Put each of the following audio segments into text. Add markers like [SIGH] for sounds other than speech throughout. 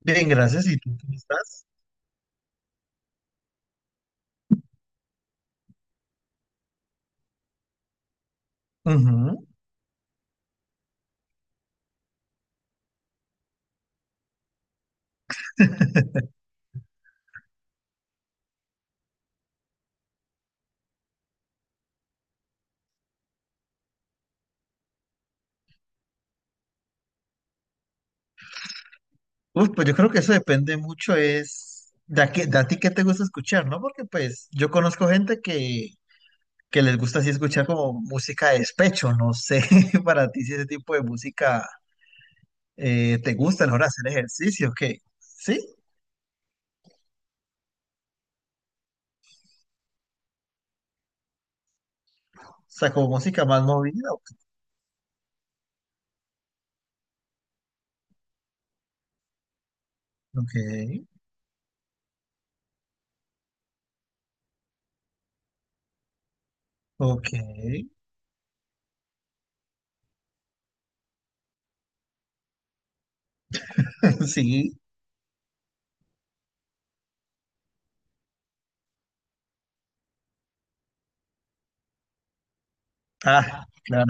Bien, gracias. ¿Y tú cómo estás? Ujú. [LAUGHS] Pues yo creo que eso depende mucho, es de a ti qué te gusta escuchar, ¿no? Porque pues yo conozco gente que les gusta así escuchar como música de despecho, no sé [LAUGHS] para ti si ese tipo de música te gusta a la hora de hacer ejercicio, ¿qué? ¿Sí? O sea, como música más movida. Ok, ok, [LAUGHS] sí. Ah, claro.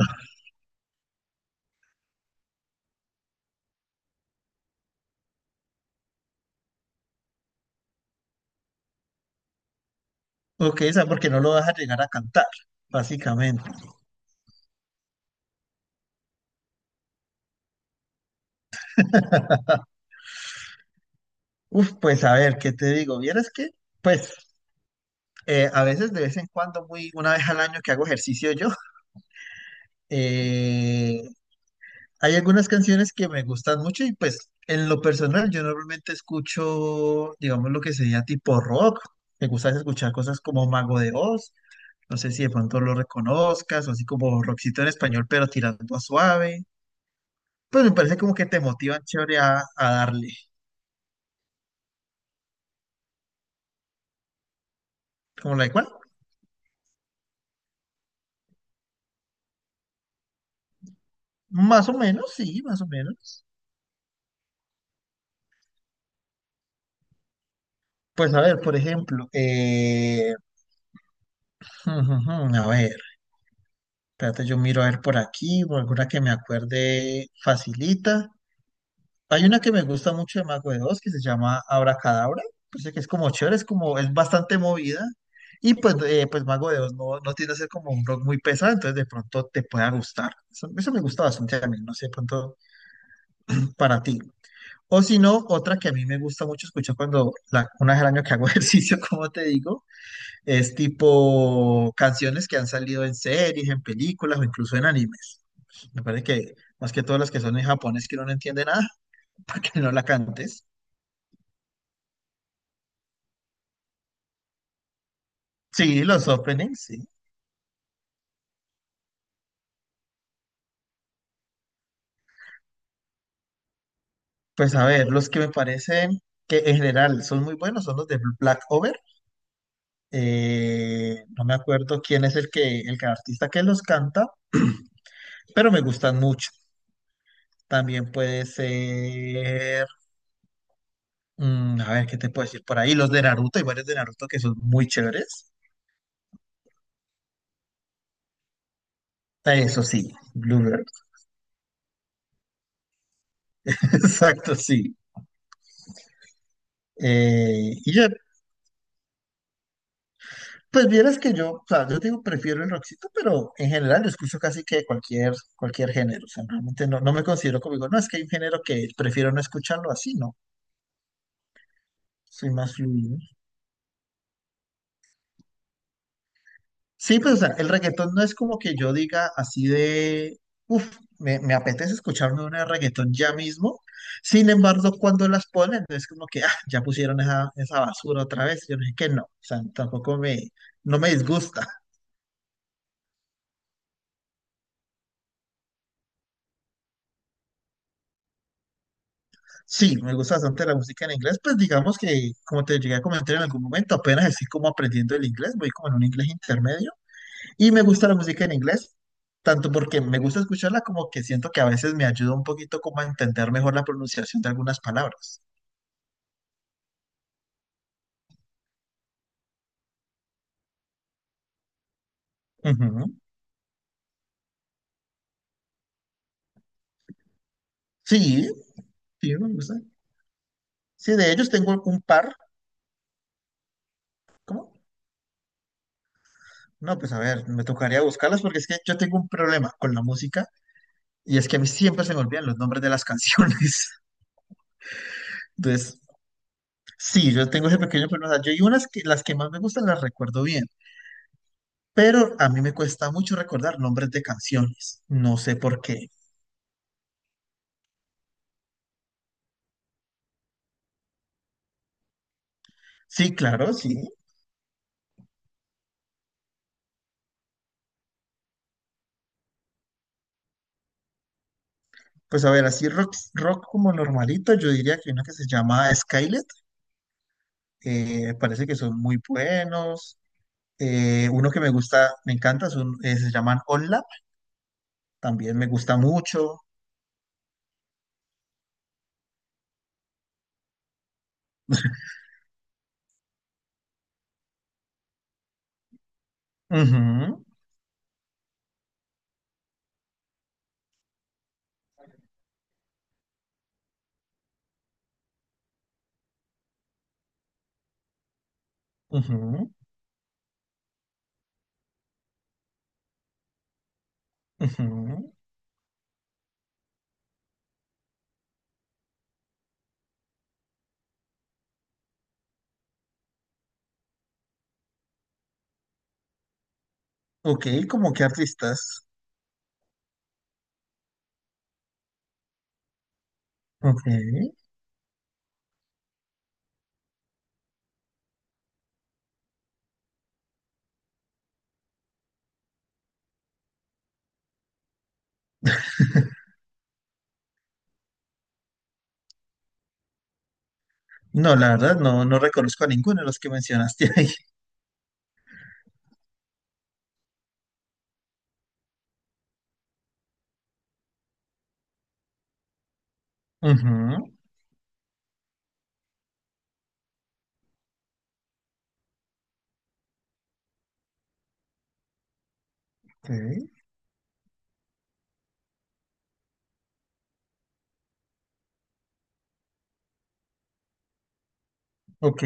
Ok, o sea, porque no lo vas a llegar a cantar, básicamente. [LAUGHS] Pues a ver, ¿qué te digo? Vieras que, pues, a veces de vez en cuando, muy una vez al año que hago ejercicio yo, [LAUGHS] eh, hay algunas canciones que me gustan mucho y pues en lo personal yo normalmente escucho, digamos, lo que sería tipo rock. Me gusta escuchar cosas como Mago de Oz, no sé si de pronto lo reconozcas, o así como rockcito en español, pero tirando a suave. Pues me parece como que te motivan chévere a darle. ¿Como la de cuál? Más o menos, sí, más o menos. Pues a ver, por ejemplo, [LAUGHS] a ver, espérate, yo miro a ver por aquí, o alguna que me acuerde facilita. Hay una que me gusta mucho de Mago de Oz que se llama Abracadabra, pues que es como chévere, es como, es bastante movida. Y pues, pues Mago de Oz no tiende a ser como un rock muy pesado, entonces de pronto te pueda gustar. Eso me gusta bastante a mí, no sé, de pronto para ti. O si no, otra que a mí me gusta mucho escuchar cuando, la, una vez al año que hago [LAUGHS] ejercicio, como te digo. Es tipo canciones que han salido en series, en películas o incluso en animes. Me parece que más que todas las que son en japonés que uno no entiende nada, [LAUGHS] para que no la cantes. Sí, los openings, sí. Pues a ver, los que me parecen que en general son muy buenos son los de Black Over. No me acuerdo quién es artista que los canta, pero me gustan mucho. También puede ser, mm, a ver, ¿qué te puedo decir por ahí? Los de Naruto, hay varios de Naruto que son muy chéveres. Ah, eso sí, Bluebird. [LAUGHS] Exacto, sí. Y ya, pues vieras que yo, o sea, yo digo, prefiero el rockcito, pero en general yo escucho casi que cualquier género. O sea, realmente no, no me considero como digo, no, es que hay un género que prefiero no escucharlo así, no. Soy más fluido. Sí, pues o sea, el reggaetón no es como que yo diga así de, uff, me apetece escucharme una de reggaetón ya mismo. Sin embargo, cuando las ponen, no es como que, ah, ya pusieron esa basura otra vez. Yo no sé que no, o sea, tampoco me, no me disgusta. Sí, me gusta bastante la música en inglés, pues digamos que, como te llegué a comentar en algún momento, apenas estoy como aprendiendo el inglés, voy como en un inglés intermedio. Y me gusta la música en inglés, tanto porque me gusta escucharla como que siento que a veces me ayuda un poquito como a entender mejor la pronunciación de algunas palabras. Ujú. Sí, sí, me gusta. Sí, de ellos tengo un par. ¿Cómo? No, pues a ver, me tocaría buscarlas porque es que yo tengo un problema con la música y es que a mí siempre se me olvidan los nombres de las [LAUGHS] canciones. Entonces, sí, yo tengo ese pequeño problema. O sea, yo y unas que las que más me gustan las recuerdo bien, pero a mí me cuesta mucho recordar nombres de canciones. No sé por qué. Sí, claro, sí. Pues a ver, así rock como normalito, yo diría que uno que se llama Skylet, parece que son muy buenos. Uno que me gusta, me encanta, es se llaman OnLap, también me gusta mucho. Ujú, ujú, ujú. Ok, como qué artistas. Ok. No, la verdad, no, no reconozco a ninguno de los que mencionaste ahí. [LAUGHS] Ujú, ok, ok,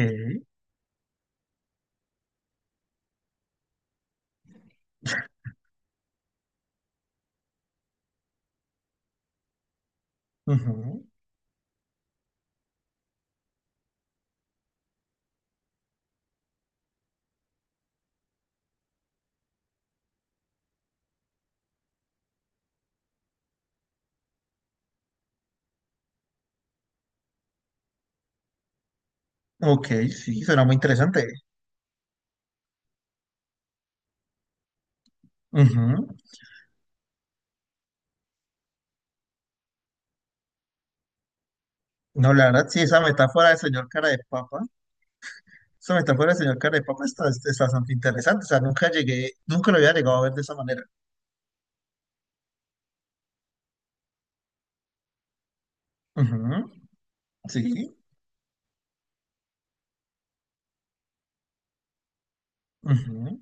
ujú, ok, sí, suena muy interesante. Ujú. No, la verdad, sí, esa metáfora del señor cara de papa. Esa metáfora del señor Carepapa está, está bastante interesante. O sea, nunca llegué, nunca lo había llegado a ver de esa manera. Ujú, sí. Ujú,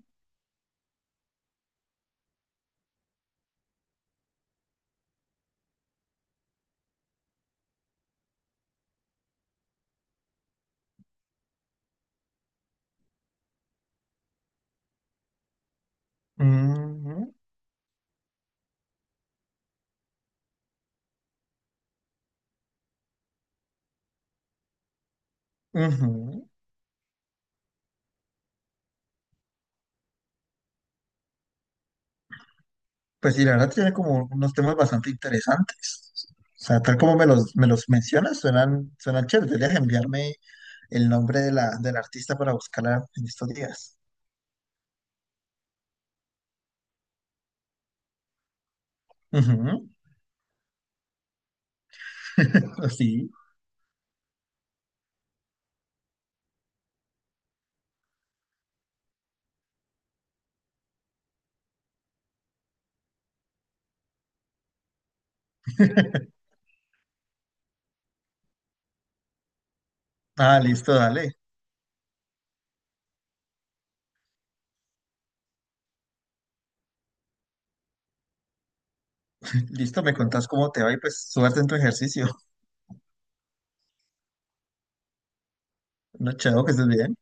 ujú, ujú. Pues sí, la verdad tiene como unos temas bastante interesantes. O sea, tal como me los mencionas, suenan chéveres. Deberías enviarme el nombre de la, del artista para buscarla en estos días. Ujú, pues sí. [LAUGHS] Ah, listo, dale. Listo, me contás cómo te va y pues suerte en tu ejercicio. No, chao, que estés bien.